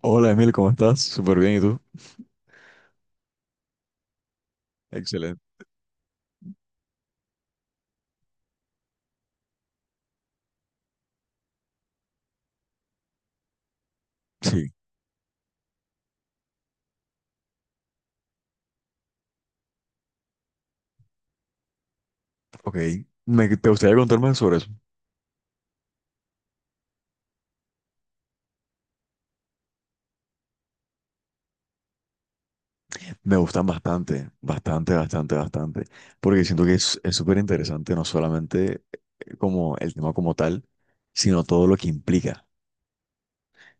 Hola Emil, ¿cómo estás? Súper bien, ¿y tú? Excelente. Sí, ok. ¿Te gustaría contarme sobre eso? Me gustan bastante, bastante, bastante, bastante, porque siento que es súper interesante no solamente como el tema como tal, sino todo lo que implica.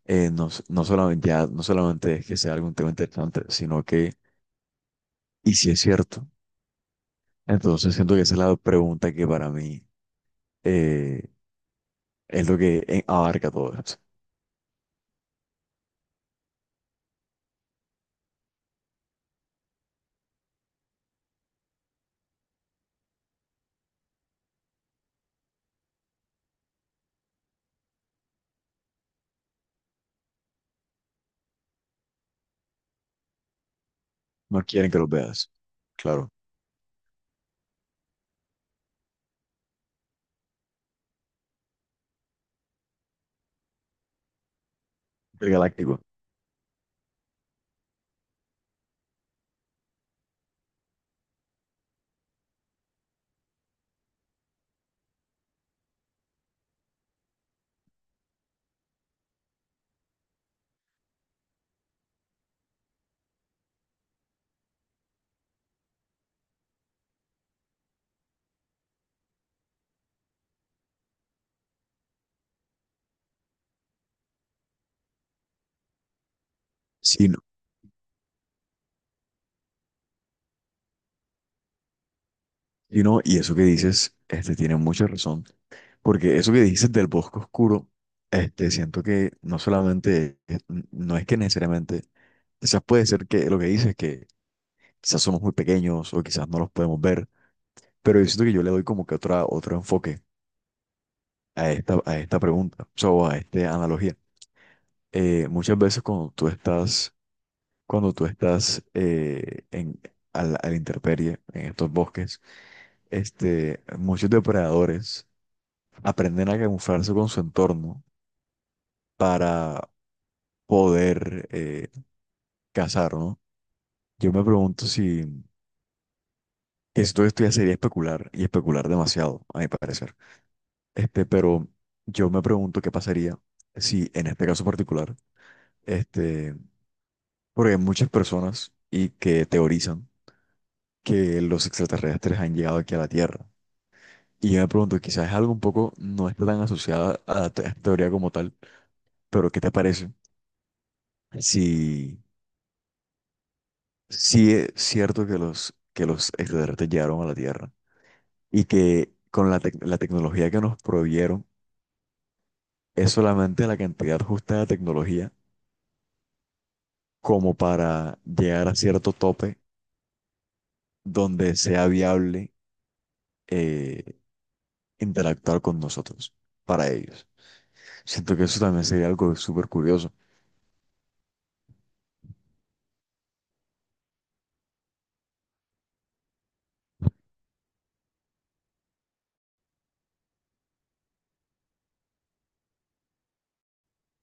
No, no solamente, ya, no solamente es que sea algún tema interesante, sino que, y si es cierto, entonces siento que esa es la pregunta que para mí eh, es lo que abarca todo eso. No quieren que lo veas, claro. El galáctico. Sí. Y no, y eso que dices, este, tiene mucha razón, porque eso que dices del bosque oscuro, este, siento que no solamente, no es que necesariamente, quizás puede ser que lo que dices, que quizás somos muy pequeños o quizás no los podemos ver, pero yo siento que yo le doy como que otra, otro enfoque a esta pregunta, o sea, o a esta analogía. Muchas veces cuando tú estás en, a la intemperie, en estos bosques, este, muchos depredadores aprenden a camuflarse con su entorno para poder cazar, ¿no? Yo me pregunto si todo esto de estudiar sería especular y especular demasiado, a mi parecer. Este, pero yo me pregunto qué pasaría si en este caso particular, este, porque hay muchas personas y que teorizan que los extraterrestres han llegado aquí a la Tierra. Y yo me pregunto, quizás es algo un poco, no está tan asociada a la teoría como tal, pero ¿qué te parece si sí es cierto que los extraterrestres llegaron a la Tierra y que con la tecnología que nos proveyeron es solamente la cantidad justa de tecnología como para llegar a cierto tope donde sea viable eh, interactuar con nosotros para ellos? Siento que eso también sería algo súper curioso.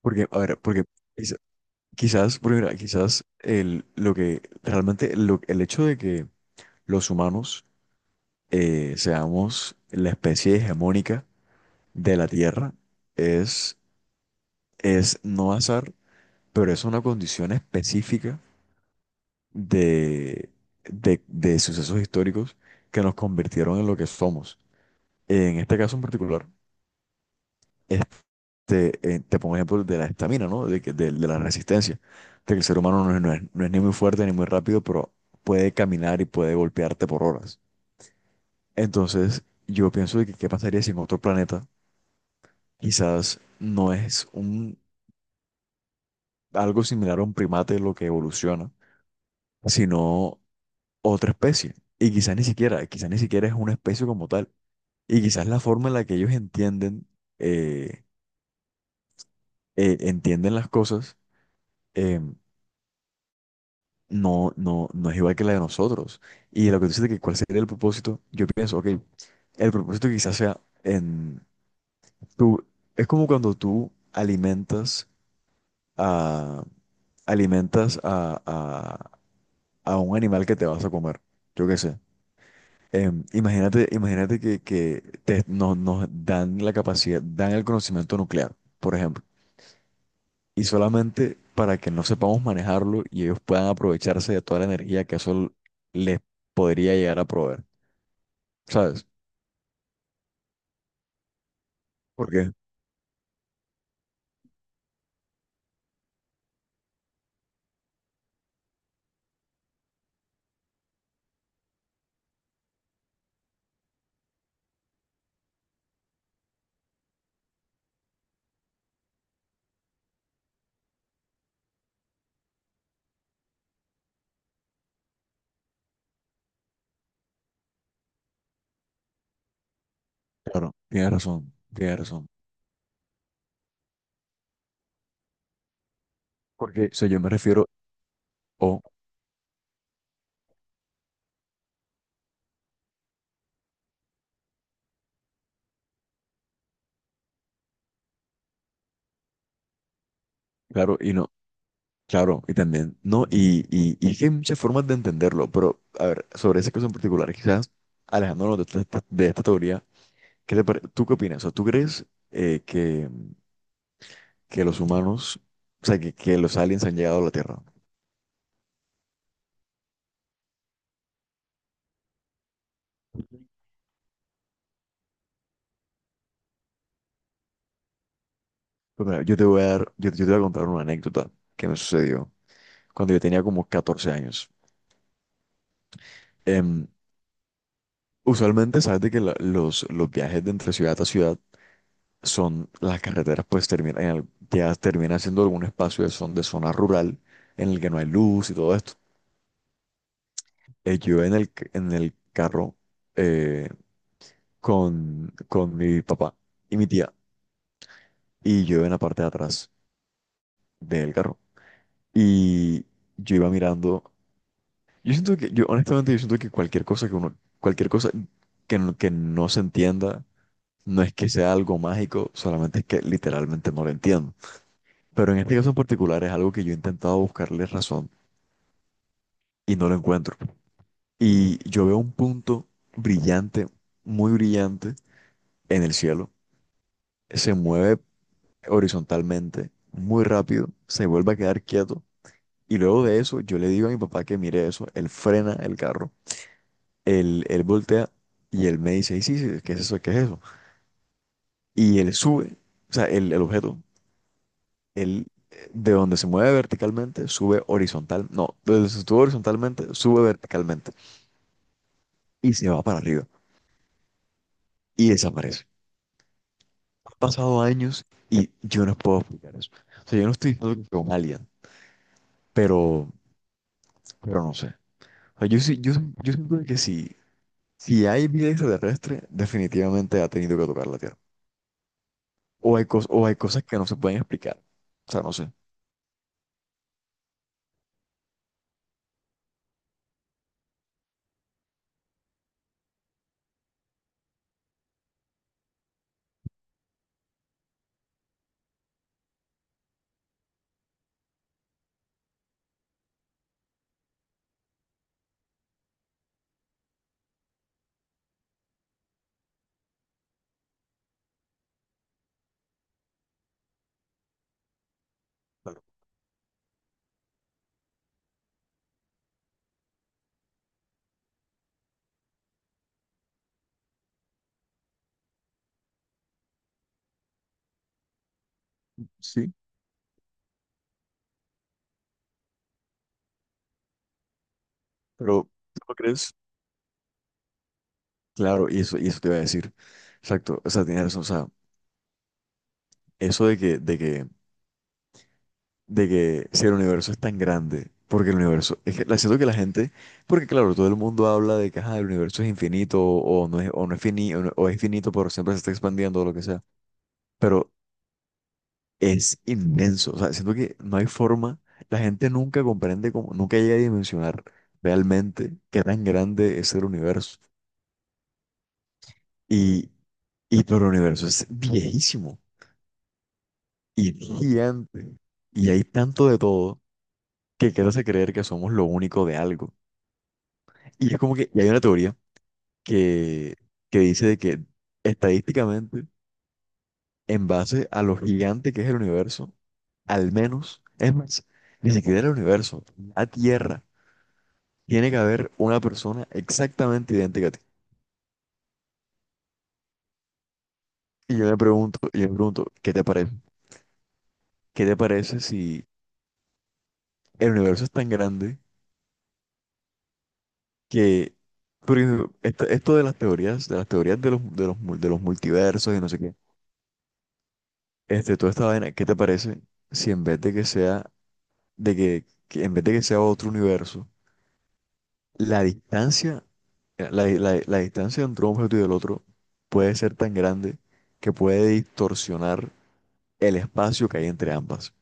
Porque, a ver, porque quizá- quizás, porque mira, quizás lo que realmente el hecho de que los humanos seamos la especie hegemónica de la Tierra es, es no azar, pero es una condición específica de, de sucesos históricos que nos convirtieron en lo que somos. En este caso en particular, este, te pongo ejemplo de la estamina, ¿no? De la resistencia, de que el ser humano no es ni muy fuerte ni muy rápido, pero puede caminar y puede golpearte por horas. Entonces, yo pienso de que qué pasaría si en otro planeta quizás no es un, algo similar a un primate lo que evoluciona, sino otra especie. Y quizás ni siquiera es una especie como tal. Y quizás la forma en la que ellos eh, entienden las cosas, eh, no, no es igual que la de nosotros. Y lo que tú dices de que cuál sería el propósito, yo pienso, ok, el propósito quizás sea en tú, es como cuando tú alimentas a, alimentas a un animal que te vas a comer. Yo qué sé. Imagínate que nos dan la capacidad, dan el conocimiento nuclear, por ejemplo, y solamente para que no sepamos manejarlo y ellos puedan aprovecharse de toda la energía que eso les podría llegar a proveer, ¿sabes? Porque, claro, tienes razón, tienes razón. Porque, o sea, yo me refiero, o, claro, y no. Claro, y también, no, y es que hay muchas formas de entenderlo, pero a ver, sobre ese caso en particular, quizás alejándonos de esta, teoría, ¿tú qué opinas? O sea, ¿tú crees eh, que, que los humanos, o sea, que los aliens han llegado a la Tierra? Pues mira, yo te voy a contar una anécdota que me sucedió cuando yo tenía como 14 años. Em, Usualmente, sabes de que los viajes de entre ciudad a ciudad son las carreteras, pues termina, ya termina siendo algún espacio de zona rural en el que no hay luz y todo esto. Yo en el carro eh, con mi papá y mi tía, y yo en la parte de atrás del carro. Y yo iba mirando. Yo siento que, yo honestamente, yo siento que cualquier cosa que no se entienda, no es que sea algo mágico, solamente es que literalmente no lo entiendo. Pero en este caso en particular es algo que yo he intentado buscarle razón y no lo encuentro. Y yo veo un punto brillante, muy brillante, en el cielo. Se mueve horizontalmente, muy rápido, se vuelve a quedar quieto. Y luego de eso, yo le digo a mi papá que mire eso. Él frena el carro, él voltea y él me dice: "Ey, sí, sí, ¿qué es eso? ¿Qué es eso?" Y él sube, o sea, el objeto, él de donde se mueve verticalmente, sube horizontal. No, de donde se estuvo horizontalmente, sube verticalmente y se va para arriba y desaparece. Pasado años y yo no puedo explicar eso. O sea, yo no estoy diciendo que sea un alien, pero, pero, no sé. O sea, yo siento que si hay vida extraterrestre, definitivamente ha tenido que tocar la Tierra. O hay cosas que no se pueden explicar. O sea, no sé. Claro. Sí, pero ¿tú ¿no crees? Claro, y eso, te iba a decir. Exacto. O sea, tienes razón. O sea, eso de que si el universo es tan grande, porque el universo, es que la siento que la gente, porque claro, todo el mundo habla de que ajá, el universo es infinito o no es finito, o, no- o es finito, pero siempre se está expandiendo o lo que sea, pero es inmenso, o sea, siento que no hay forma, la gente nunca comprende cómo, nunca llega a dimensionar realmente qué tan grande es el universo. Y, y pero el universo es viejísimo y gigante y hay tanto de todo que quieres creer que somos lo único de algo. Y es como que, y hay una teoría que, que dice de que estadísticamente, en base a lo gigante que es el universo, al menos, es más, ni siquiera el universo, la Tierra, tiene que haber una persona exactamente idéntica a ti. Y yo me pregunto, ¿qué te parece? ¿Qué te parece si el universo es tan grande que, por ejemplo, esto de las teorías, de los multiversos y no sé qué, este, toda esta vaina, ¿qué te parece si en vez de que sea de que en vez de que sea otro universo, la distancia, la distancia entre un objeto y el otro puede ser tan grande que puede distorsionar el espacio que hay entre ambas?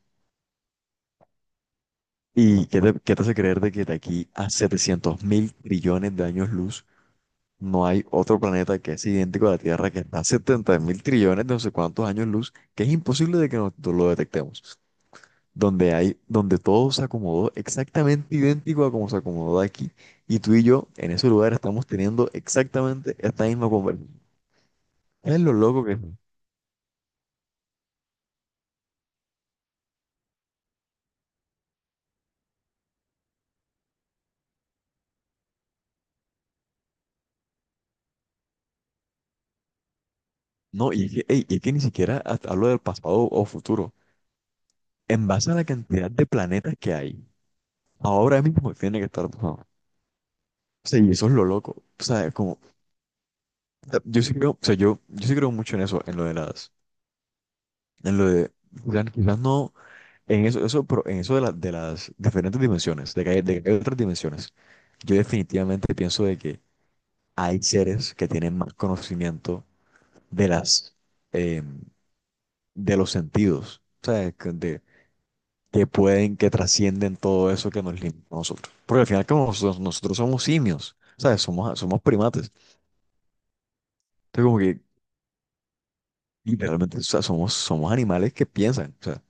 ¿Y qué te hace creer de que de aquí a 700 mil trillones de años luz no hay otro planeta que es idéntico a la Tierra que está a 70 mil trillones de no sé cuántos años luz, que es imposible de que nosotros lo detectemos, donde todo se acomodó exactamente idéntico a como se acomodó aquí? Y tú y yo en ese lugar estamos teniendo exactamente esta misma conversación. Es lo loco que es. No, y es que ni siquiera hasta hablo del pasado o futuro. En base a la cantidad de planetas que hay, ahora mismo tiene que estar pasando. O sea, y eso es lo loco. O sea, es como, o sea, yo sí creo, o sea, yo sí creo mucho en eso, en lo de las, en lo de, quizás no. En eso, pero en eso de las diferentes dimensiones, de que hay otras dimensiones, yo definitivamente pienso de que hay seres que tienen más conocimiento de las, eh, de los sentidos, o sea, que trascienden todo eso que nos limita a nosotros. Porque al final como nosotros somos simios, ¿sabes? Somos primates. Entonces como que literalmente, o sea, somos animales que piensan, o sea,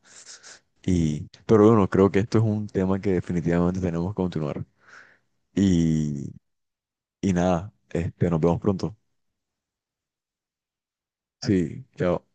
y, pero bueno, creo que esto es un tema que definitivamente tenemos que continuar. Y Y nada, este, nos vemos pronto. Sí, chao.